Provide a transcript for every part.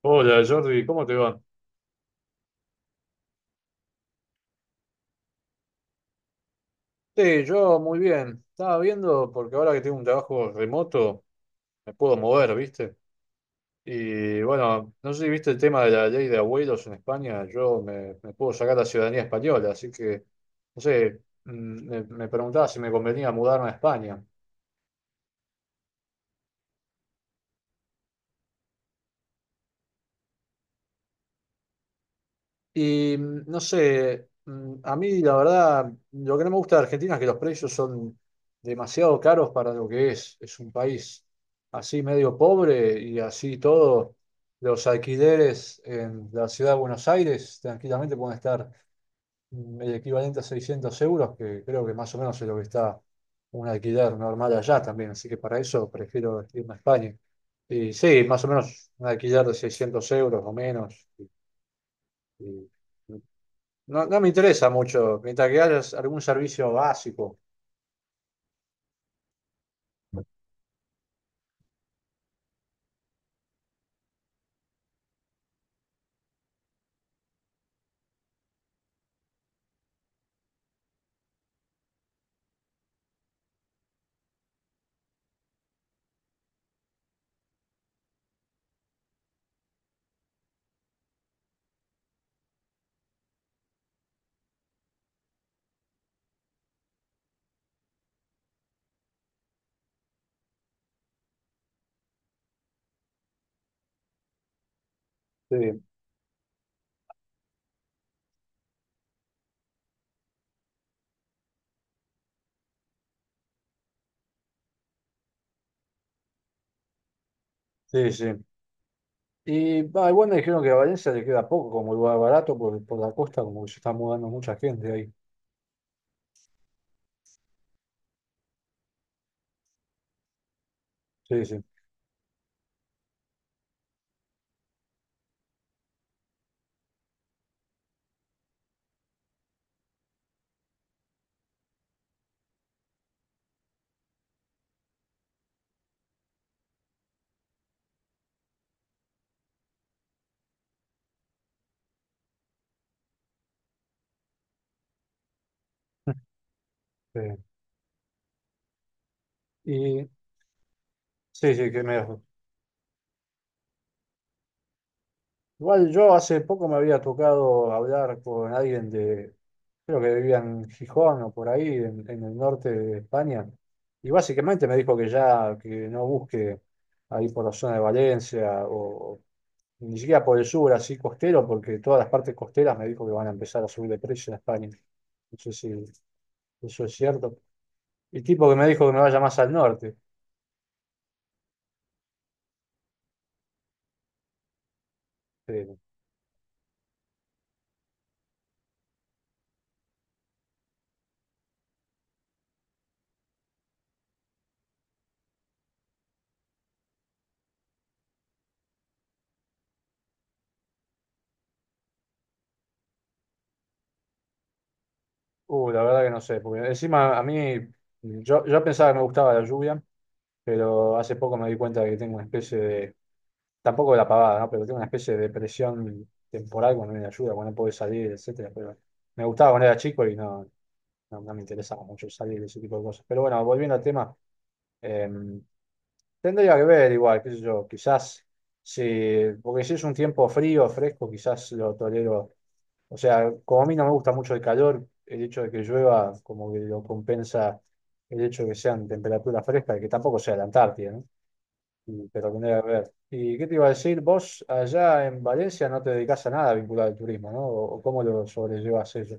Hola Jordi, ¿cómo te va? Sí, yo muy bien. Estaba viendo porque ahora que tengo un trabajo remoto me puedo mover, ¿viste? Y bueno, no sé si viste el tema de la ley de abuelos en España. Yo me puedo sacar la ciudadanía española, así que, no sé, me preguntaba si me convenía mudarme a España. Y no sé, a mí la verdad, lo que no me gusta de Argentina es que los precios son demasiado caros para lo que es. Es un país así medio pobre y así todo. Los alquileres en la ciudad de Buenos Aires tranquilamente pueden estar el equivalente a 600 euros, que creo que más o menos es lo que está un alquiler normal allá también. Así que para eso prefiero irme a España. Y sí, más o menos un alquiler de 600 euros o menos. y- y no, no me interesa mucho, mientras que haya algún servicio básico. Sí, sí, sí. Y igual me dijeron que a Valencia le queda poco, como lugar barato, por la costa, como que se está mudando mucha gente ahí. Sí, sí. Sí. Y sí, sí, que me, igual yo hace poco me había tocado hablar con alguien de, creo que vivía en Gijón o por ahí, en el norte de España, y básicamente me dijo que ya, que no busque ahí por la zona de Valencia o ni siquiera por el sur, así costero, porque todas las partes costeras me dijo que van a empezar a subir de precio en España. No sé si eso es cierto. El tipo que me dijo que me vaya más al norte. Sí. La verdad que no sé, porque encima a mí, yo pensaba que me gustaba la lluvia, pero hace poco me di cuenta de que tengo una especie de, tampoco de la pavada, ¿no? Pero tengo una especie de depresión temporal cuando viene la lluvia, cuando no puedo salir, etcétera, pero me gustaba cuando era chico y no, no, no me interesaba mucho salir de ese tipo de cosas. Pero bueno, volviendo al tema, eh, tendría que ver igual, qué sé yo, quizás si, porque si es un tiempo frío, fresco, quizás lo tolero. O sea, como a mí no me gusta mucho el calor, el hecho de que llueva como que lo compensa el hecho de que sean temperaturas frescas y que tampoco sea la Antártida, ¿no? Y te lo tendría que ver. ¿Y qué te iba a decir? Vos allá en Valencia no te dedicás a nada vinculado al turismo, ¿no? ¿O cómo lo sobrellevas eso?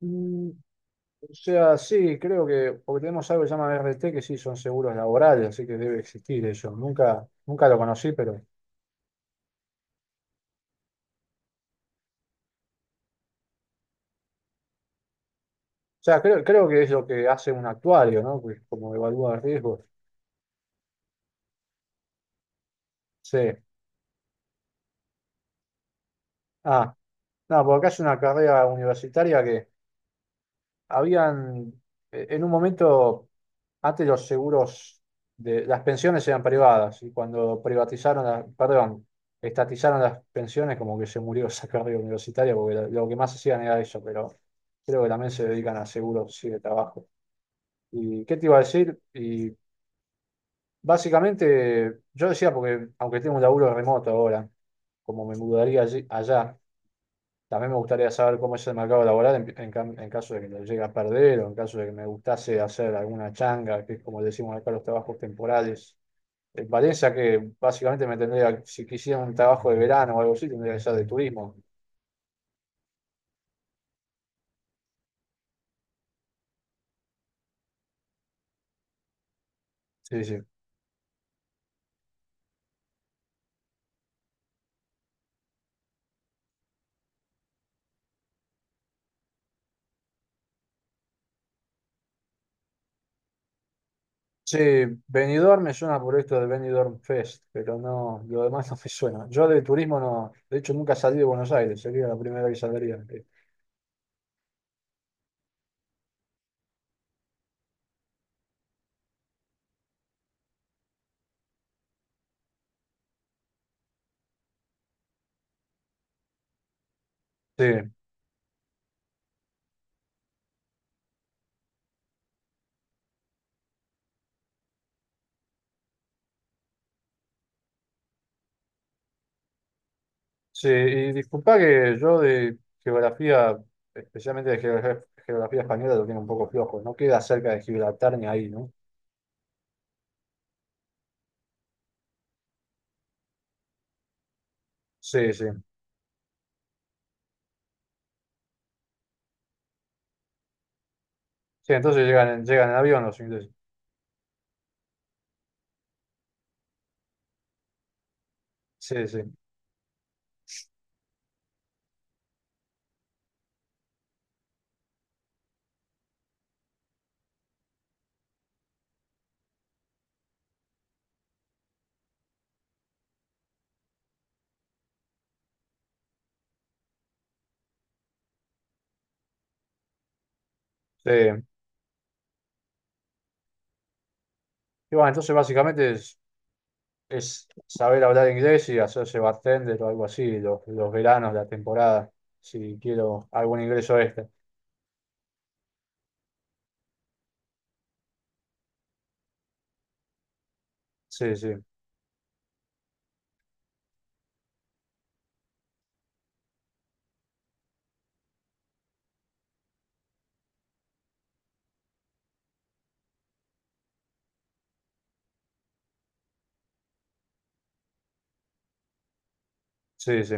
Mm, O sea, sí, creo que, porque tenemos algo que se llama RT, que sí son seguros laborales, así que debe existir eso. Nunca, nunca lo conocí, pero, o sea, creo que es lo que hace un actuario, ¿no? Que como evalúa riesgos. Sí. Ah, no, porque acá es una carrera universitaria que habían, en un momento, antes los seguros de las pensiones eran privadas y cuando privatizaron, perdón, estatizaron las pensiones, como que se murió esa carrera universitaria porque lo que más hacían era eso, pero creo que también se dedican a seguros, sí, de trabajo. ¿Y qué te iba a decir? Y básicamente, yo decía, porque aunque tengo un laburo remoto ahora, como me mudaría allá. También me gustaría saber cómo es el mercado laboral en, en caso de que lo llegue a perder o en caso de que me gustase hacer alguna changa, que es como decimos acá los trabajos temporales. En Valencia, que básicamente me tendría, si quisiera un trabajo de verano o algo así, tendría que ser de turismo. Sí, sí. Sí, Benidorm me suena por esto del Benidorm Fest, pero no, lo demás no me suena. Yo de turismo no, de hecho nunca salí de Buenos Aires, sería la primera que saldría. Sí. Sí, y disculpa que yo de geografía, especialmente de geografía española, lo tengo un poco flojo. No queda cerca de Gibraltar ni ahí, ¿no? Sí, sí. Sí, entonces llegan en avión los ingleses. Sí, sí. Sí. Y bueno, entonces básicamente es, saber hablar inglés y hacerse bartender o algo así, los veranos, la temporada, si quiero algún ingreso extra. Sí, sí, sí, sí.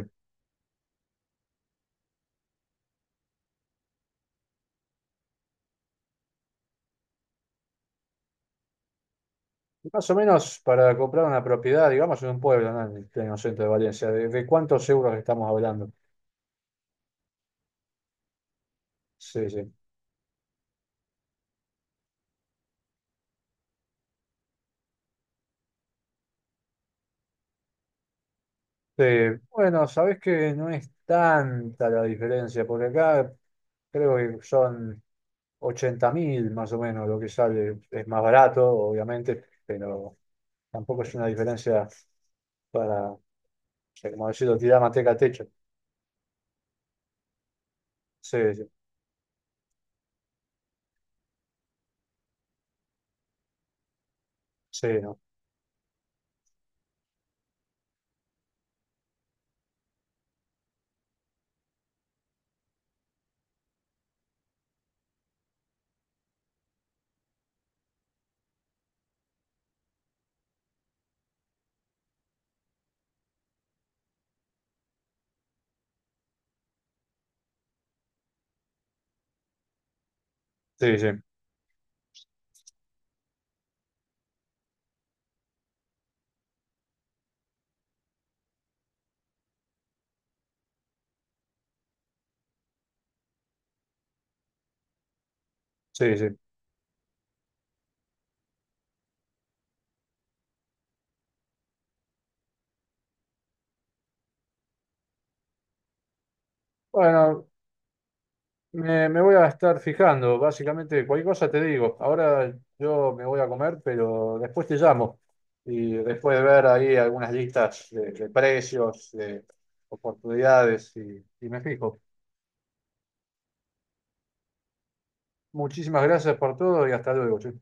Y más o menos para comprar una propiedad, digamos, en un pueblo, ¿no? En el pleno centro de Valencia, ¿de cuántos euros estamos hablando? Sí, sí. Bueno, sabés que no es tanta la diferencia, porque acá creo que son 80.000 más o menos lo que sale. Es más barato, obviamente, pero tampoco es una diferencia para, o sea, como decirlo, tirar manteca al techo. Sí, sí, sí, no. Sí, sí, sí, sí. Bueno, me voy a estar fijando, básicamente cualquier cosa te digo. Ahora yo me voy a comer, pero después te llamo. Y después de ver ahí algunas listas de, precios, de oportunidades, y me fijo. Muchísimas gracias por todo y hasta luego. Che.